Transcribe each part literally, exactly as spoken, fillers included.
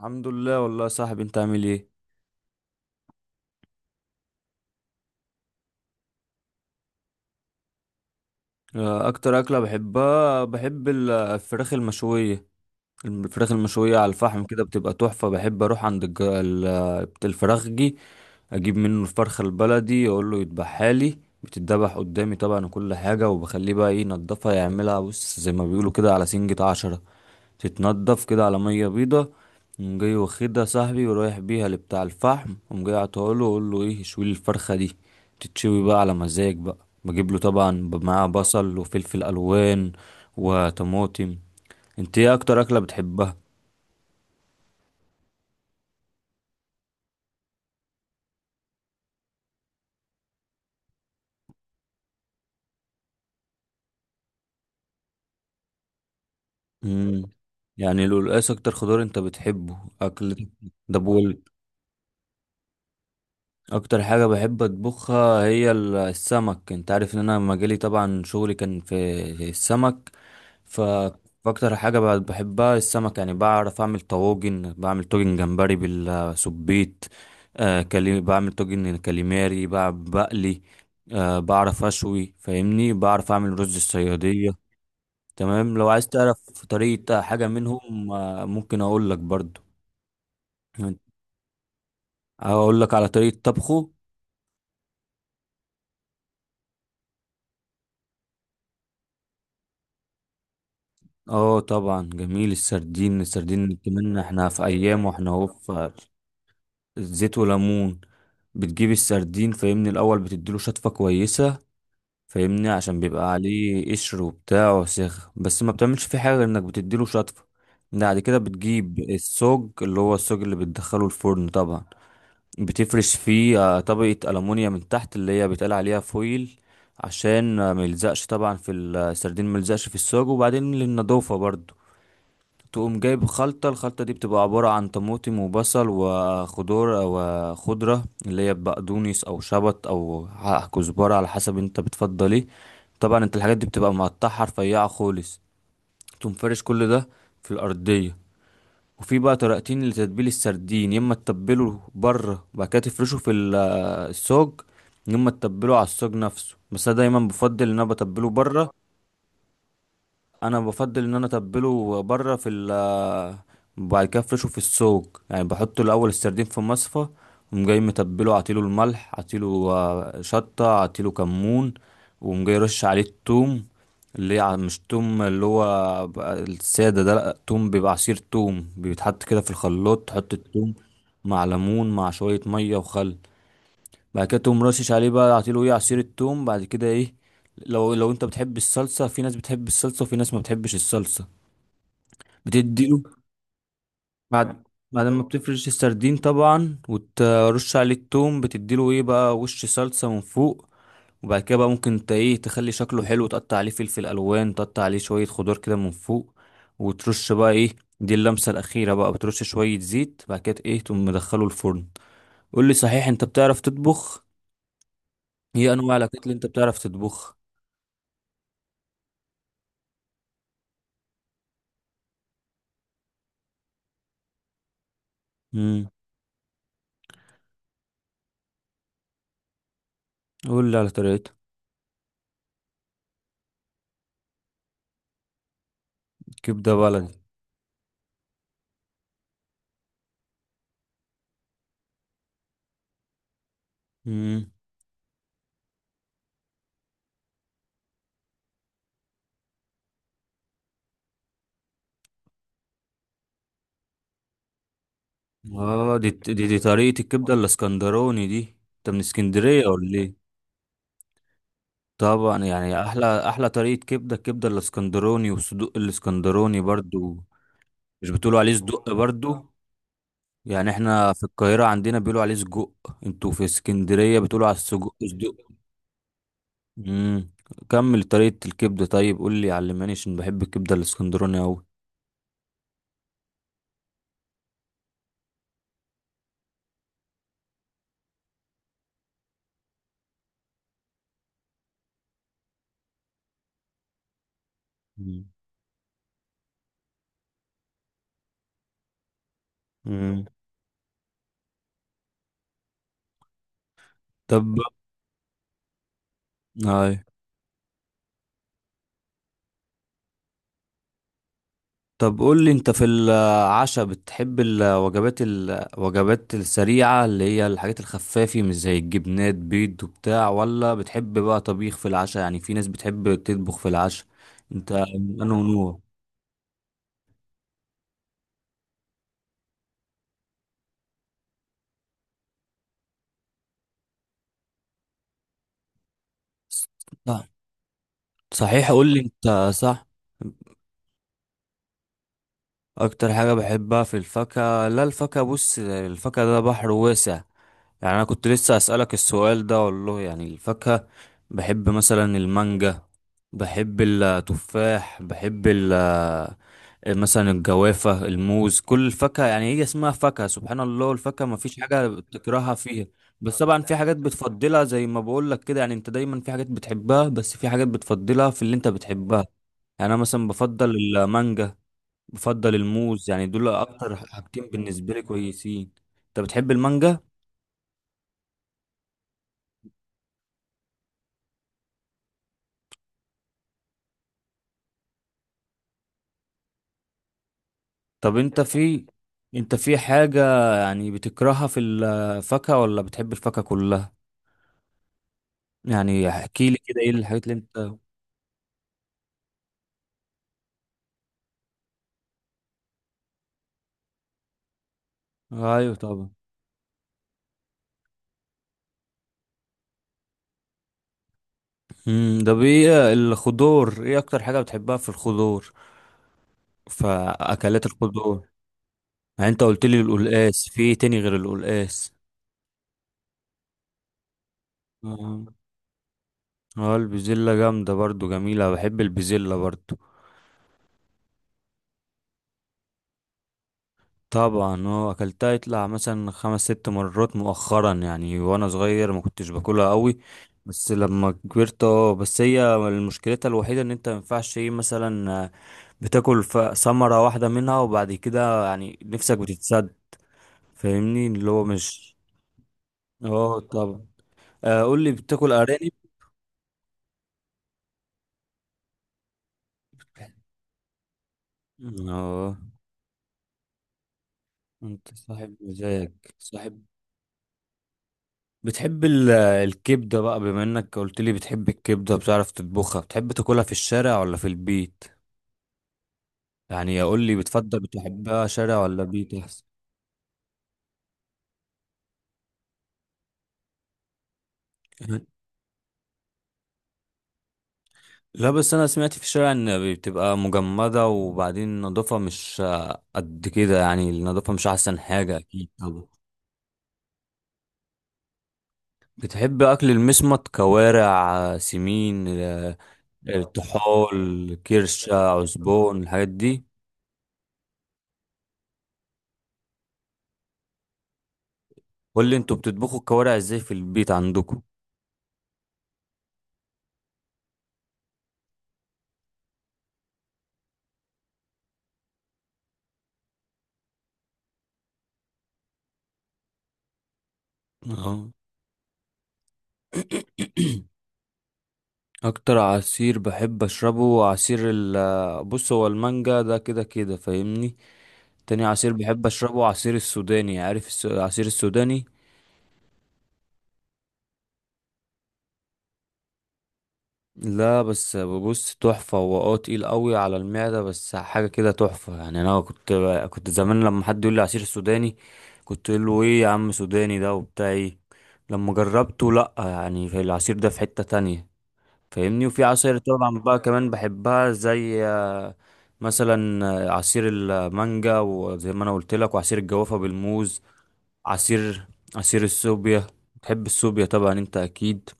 الحمد لله والله يا صاحبي، انت عامل ايه؟ آه، اكتر اكله بحبها، بحب ال- الفراخ المشويه. الفراخ المشويه على الفحم كده بتبقى تحفه، بحب اروح عند الج- ال- بت- الفراخجي، اجيب منه الفرخه البلدي اقول له يذبحها لي. بتتذبح قدامي طبعا وكل حاجه، وبخليه بقى ايه ينضفها يعملها، بص زي ما بيقولوا كده على سنجة عشرة، تتنضف كده على ميه بيضه. قوم جاي واخدها صاحبي ورايح بيها لبتاع الفحم، قوم جاي عطاله وأقول له ايه شوي الفرخه دي، تتشوي بقى على مزاج بقى. بجيب له طبعا معاه بصل وفلفل الوان وطماطم. انت ايه اكتر اكله بتحبها؟ امم يعني القلقاس اكتر خضار انت بتحبه اكل؟ ده بقول. اكتر حاجه بحب اطبخها هي ال- السمك، انت عارف ان انا مجالي طبعا شغلي كان في السمك. ف فاكتر حاجة ب- بحبها السمك، يعني بعرف أعمل طواجن، بعمل طاجن جمبري بالسبيت. آه كلي... بعمل طاجن كاليماري، بع- بقلي. آه بعرف أشوي فاهمني، بعرف أعمل رز الصيادية. تمام، لو عايز تعرف طريقة حاجة منهم آه ممكن أقول لك برضو. أقول لك على طريقة طبخه. اه طبعا جميل السردين، السردين كمان احنا في أيام واحنا هو في. زيت وليمون. بتجيب السردين فاهمني الاول، بتديله شطفه كويسه فاهمني، عشان بيبقى عليه قشر وبتاع وسخ، بس ما بتعملش فيه حاجه غير انك بتديله شطفه. بعد كده بتجيب السوج، اللي هو السوج اللي بتدخله الفرن طبعا. بتفرش فيه آه، طبقه ألمونيا من تحت، اللي هي بيتقال عليها فويل، عشان آه، ما يلزقش طبعا في ال- السردين، ما يلزقش في السوج، وبعدين للنضافه برضو. تقوم جايب خلطة، الخلطة دي بتبقى عبارة عن طماطم وبصل وخضار وخضرة، اللي هي بقدونس أو شبت أو ع- كزبرة، على حسب انت بتفضل ايه. طبعا انت الحاجات دي بتبقى مقطعها رفيعة خالص. تقوم فارش كل ده في الأرضية. وفي بقى طريقتين لتتبيل السردين، يا اما تتبله بره وبعد كده تفرشه في ال- الصاج، يا اما تتبله على الصاج نفسه. بس انا دايما بفضل ان انا بتبله بره. انا بفضل ان انا اتبله بره في ال بعد كده افرشه في السوق، يعني بحط الاول السردين في مصفى، وقوم جاي متبله عطيله الملح، عطيله آه، شطه، عطيله كمون، وقوم جاي رش عليه التوم، اللي هي ع- مش توم اللي هو بقى الساده ده، لا توم بيبقى عصير توم، بيتحط كده في الخلاط، تحط التوم مع ليمون مع شويه ميه وخل. بعد كده تقوم رشش عليه بقى، عطيله ايه عصير التوم. بعد كده ايه لو لو انت بتحب الصلصه، في ناس بتحب الصلصه وفي ناس ما بتحبش الصلصه، بتديله. بعد بعد ما بتفرش السردين طبعا وترش عليه التوم، بتديله ايه بقى وش صلصه من فوق. وبعد كده بقى ممكن انت ايه تخلي شكله حلو، تقطع عليه فلفل الوان، تقطع عليه شويه خضار كده من فوق، وترش بقى ايه، دي اللمسه الاخيره بقى، بترش شويه زيت، بعد كده ايه تقوم مدخله الفرن. قول لي صحيح، انت بتعرف تطبخ؟ ايه انواع الاكلات اللي انت بتعرف تطبخ؟ امم قول لي على طريقتها. كبده بلدي. امم اه دي, دي دي طريقه الكبده الاسكندراني دي. انت من اسكندريه ولا ايه؟ طبعا يعني احلى احلى طريقه كبده، الكبده الاسكندراني والصدوق الاسكندراني برضو. مش بتقولوا عليه صدق برضو؟ يعني احنا في القاهره عندنا بيقولوا عليه سجق، انتوا في اسكندريه بتقولوا على السجق صدق. امم كمل طريقه الكبده طيب، قول لي علماني عشان بحب الكبده الاسكندراني قوي. مم. مم. طب. أي. طب قول لي انت، في العشاء بتحب الوجبات الوجبات السريعة اللي هي الحاجات الخفافي، مش زي الجبنات بيض وبتاع، ولا بتحب بقى طبيخ في العشاء؟ يعني في ناس بتحب تطبخ في العشاء. انت انا ونور. صح. صحيح قول لي انت، صح. اكتر حاجة بحبها في الفاكهة، لا الفاكهة بص، الفاكهة ده بحر واسع. يعني انا كنت لسه اسألك السؤال ده والله. يعني الفاكهة بحب مثلا المانجا، بحب التفاح، بحب ال آه، مثلا الجوافة، الموز، كل الفاكهة، يعني هي اسمها فاكهة سبحان الله، الفاكهة ما فيش حاجة بتكرهها فيها. بس طبعا في حاجات بتفضلها، زي ما بقول لك كده. يعني انت دايما في حاجات بتحبها، بس في حاجات بتفضلها في اللي انت بتحبها. يعني انا مثلا بفضل المانجا، بفضل الموز، يعني دول اكتر حاجتين بالنسبه لي كويسين. انت بتحب المانجا؟ طب انت في، انت في حاجه يعني بتكرهها في الفاكهه، ولا بتحب الفاكهه كلها؟ يعني احكي لي كده ايه الحاجات اللي انت. ايوه طبعا. امم ده ايه الخضار، ايه اكتر حاجه بتحبها في الخضار؟ فاكلات الخضار. يعني انت قلت لي القلقاس، في ايه تاني غير القلقاس؟ اه آه، البزلة جامدة برضو، جميلة، بحب البزلة برضو. طبعا اه اكلتها يطلع مثلا خمس ست مرات مؤخرا، يعني وانا صغير ما كنتش باكلها قوي. بس لما كبرت اه، بس هي مشكلتها الوحيده ان انت ما ينفعش ايه مثلا آه، بتاكل ف- ثمره واحده منها، وبعد كده يعني نفسك بتتسد، فاهمني اللي هو مش. اه طبعا. آه، قول لي بتاكل ارانب؟ اه انت صاحب مزاج. صاحب، بتحب ال- الكبدة بقى بما انك قلت لي بتحب الكبدة بتعرف تطبخها، بتحب تاكلها في الشارع ولا في البيت؟ يعني اقول لي بتفضل بتحبها شارع ولا بيت احسن؟ لا بس انا سمعت في الشارع ان بتبقى مجمدة، وبعدين النظافة مش قد كده، يعني النظافة مش احسن حاجة اكيد طبعا. بتحب اكل المسمط، كوارع، سمين، آه، الطحال، كرشة، عزبون، الحاجات دي؟ قول لي انتوا بتطبخوا الكوارع ازاي في البيت عندكم؟ اه. اكتر عصير بحب اشربه عصير ال بص هو المانجا ده كده كده فاهمني. تاني عصير بحب اشربه عصير السوداني، عارف الس- العصير السوداني؟ لا بس بص تحفة هو، اه تقيل قوي على المعدة بس حاجة كده تحفة. يعني انا كنت كنت زمان لما حد يقول لي عصير السوداني، كنت اقول له ايه يا عم سوداني ده وبتاع ايه. لما جربته، لا يعني في العصير ده في حتة تانية فاهمني. وفي عصاير طبعا بقى كمان بحبها، زي آه، مثلا آه، عصير المانجا، وزي ما انا قلت لك وعصير الجوافة بالموز. عصير، عصير السوبيا. بتحب السوبيا طبعا انت اكيد.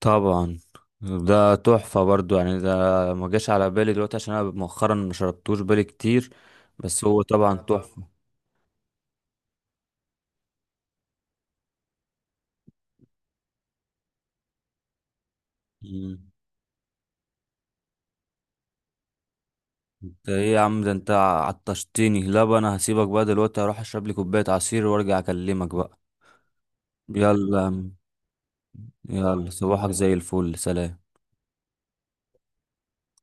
طبعا ده تحفة برضو، يعني ده ما جاش على بالي دلوقتي عشان انا مؤخرا ما شربتوش بالي كتير. بس هو طبعا تحفة. مم. انت ايه يا عم، ده انت عطشتني. لا بقى انا هسيبك بقى دلوقتي، اروح اشرب لي كوباية عصير وارجع اكلمك بقى. يلا يا عم. يلا، صباحك زي الفل، سلام.